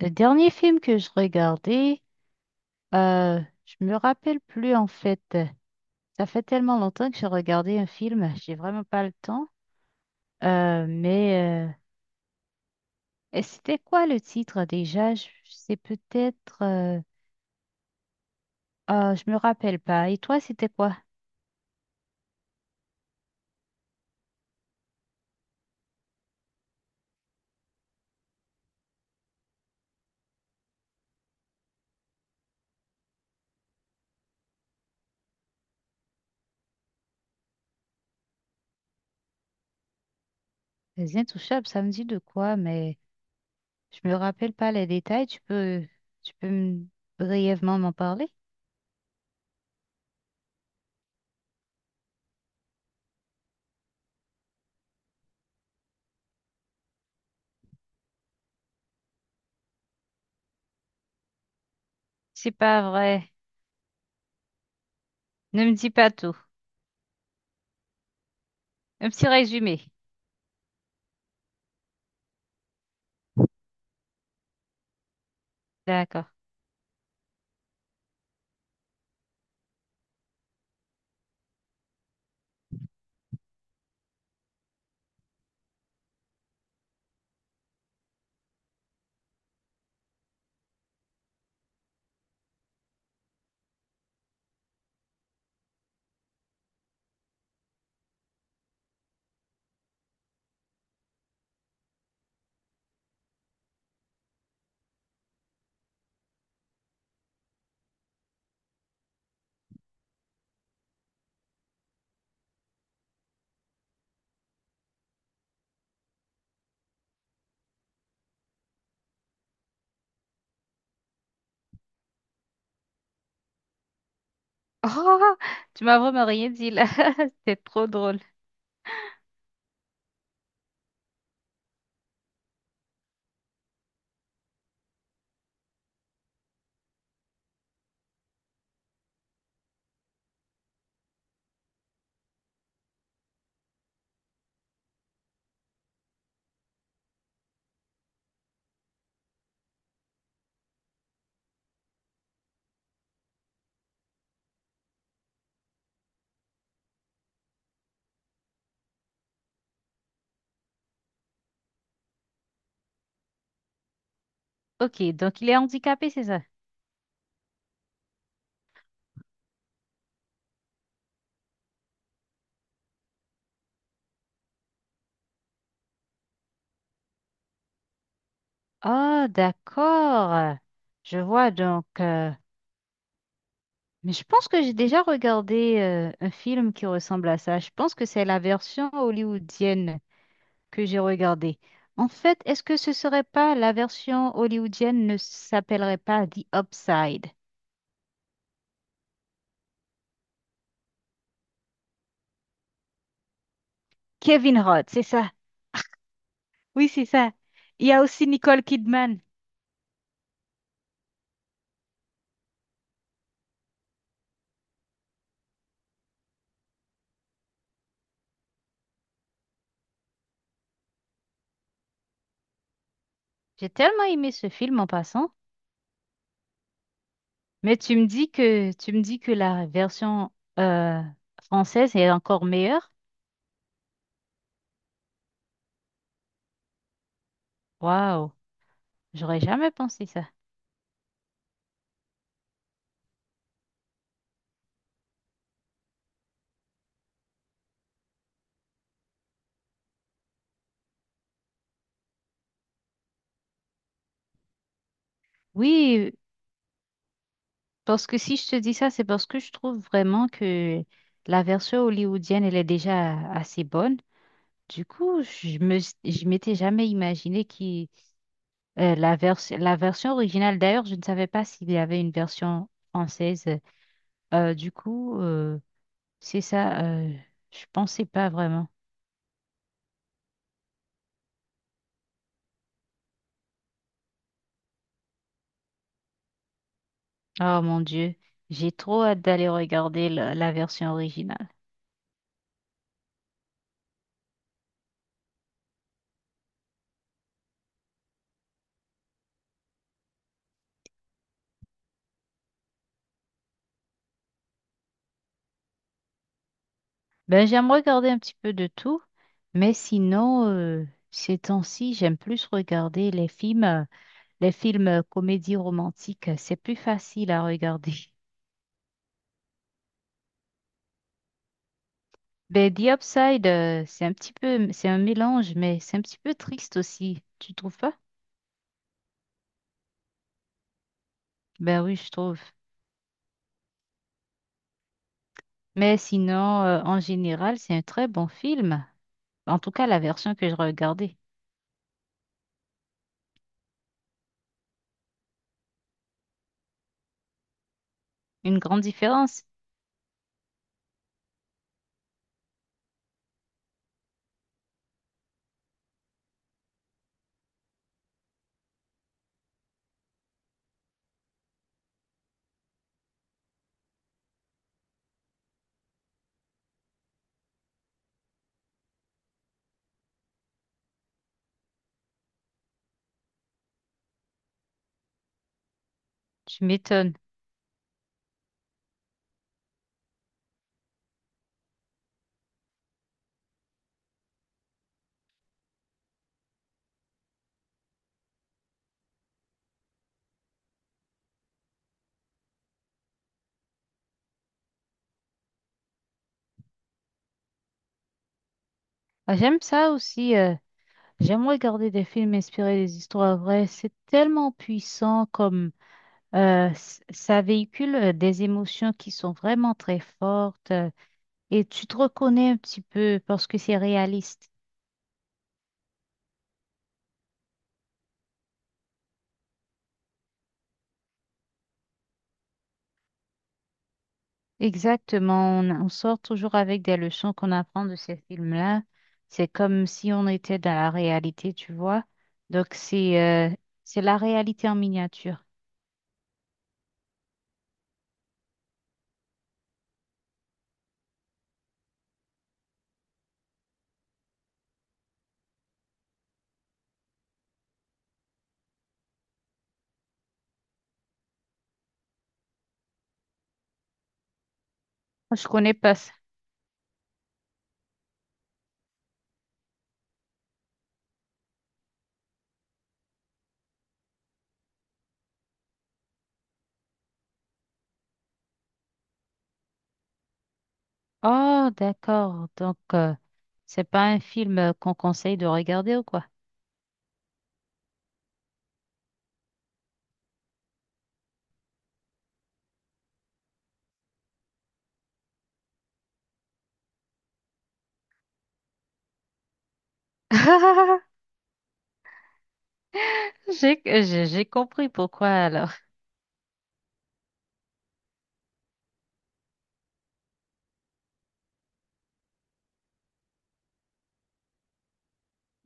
Le dernier film que je regardais, je me rappelle plus en fait. Ça fait tellement longtemps que j'ai regardé un film, j'ai vraiment pas le temps. Euh, mais euh, et c'était quoi le titre déjà? Je me rappelle pas. Et toi, c'était quoi? Les Intouchables, ça me dit de quoi, mais je me rappelle pas les détails. Tu peux brièvement m'en parler? C'est pas vrai. Ne me dis pas tout. Un petit résumé. D'accord. Oh, tu m'as vraiment rien dit là. C'est trop drôle. Ok, donc il est handicapé, c'est ça? Oh, d'accord. Je vois donc. Mais je pense que j'ai déjà regardé un film qui ressemble à ça. Je pense que c'est la version hollywoodienne que j'ai regardée. En fait, est-ce que ce serait pas la version hollywoodienne ne s'appellerait pas The Upside? Kevin Hart, c'est ça. Oui, c'est ça. Il y a aussi Nicole Kidman. J'ai tellement aimé ce film en passant. Tu me dis que la version euh, française est encore meilleure? Waouh, j'aurais jamais pensé ça. Oui, parce que si je te dis ça, c'est parce que je trouve vraiment que la version hollywoodienne, elle est déjà assez bonne. Du coup, je m'étais jamais imaginé qui la version originale. D'ailleurs, je ne savais pas s'il y avait une version française. Euh, du coup, euh, c'est ça. Je pensais pas vraiment. Oh mon Dieu, j'ai trop hâte d'aller regarder la version originale. Ben, j'aime regarder un petit peu de tout, mais sinon, ces temps-ci, j'aime plus regarder les films comédies romantiques. C'est plus facile à regarder. Ben, The Upside, c'est un petit peu, c'est un mélange, mais c'est un petit peu triste aussi. Tu trouves pas? Ben oui, je trouve. Mais sinon, en général, c'est un très bon film. En tout cas, la version que je regardais. Une grande différence. Tu m'étonnes. Ah, j'aime ça aussi. J'aime regarder des films inspirés des histoires vraies. C'est tellement puissant comme ça véhicule des émotions qui sont vraiment très fortes et tu te reconnais un petit peu parce que c'est réaliste. Exactement. On sort toujours avec des leçons qu'on apprend de ces films-là. C'est comme si on était dans la réalité, tu vois. Donc c'est euh, c'est la réalité en miniature. Je connais pas. Oh, d'accord. Donc, c'est pas un film qu'on conseille de regarder ou quoi? J'ai compris pourquoi alors.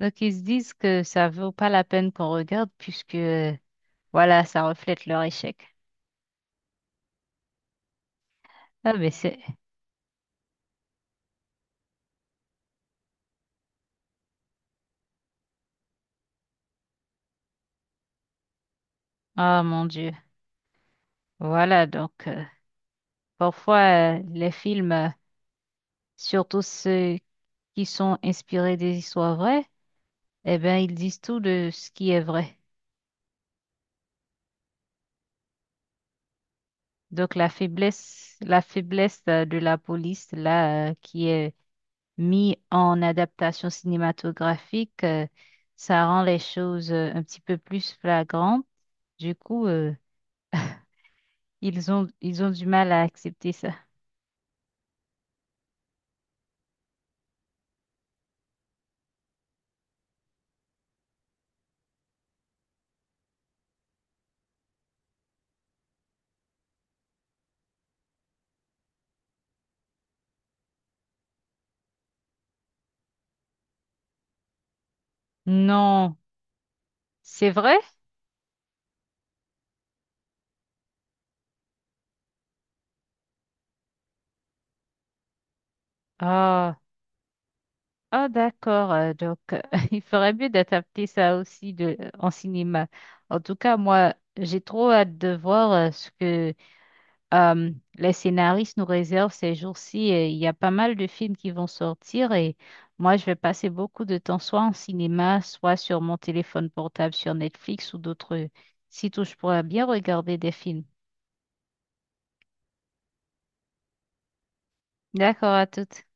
Donc, ils se disent que ça vaut pas la peine qu'on regarde puisque, voilà, ça reflète leur échec. Ah, mais c'est... Oh mon Dieu. Voilà, donc, parfois, les films, surtout ceux qui sont inspirés des histoires vraies, eh bien, ils disent tout de ce qui est vrai. Donc, la faiblesse de la police, là, qui est mis en adaptation cinématographique, ça rend les choses un petit peu plus flagrantes. Du coup, ils ont du mal à accepter ça. Non, c'est vrai? Ah, ah, d'accord. Donc, il ferait mieux d'adapter ça aussi de, en cinéma. En tout cas, moi, j'ai trop hâte de voir ce que les scénaristes nous réservent ces jours-ci, il y a pas mal de films qui vont sortir et moi, je vais passer beaucoup de temps soit en cinéma, soit sur mon téléphone portable, sur Netflix ou d'autres sites où je pourrais bien regarder des films. D'accord, à toutes.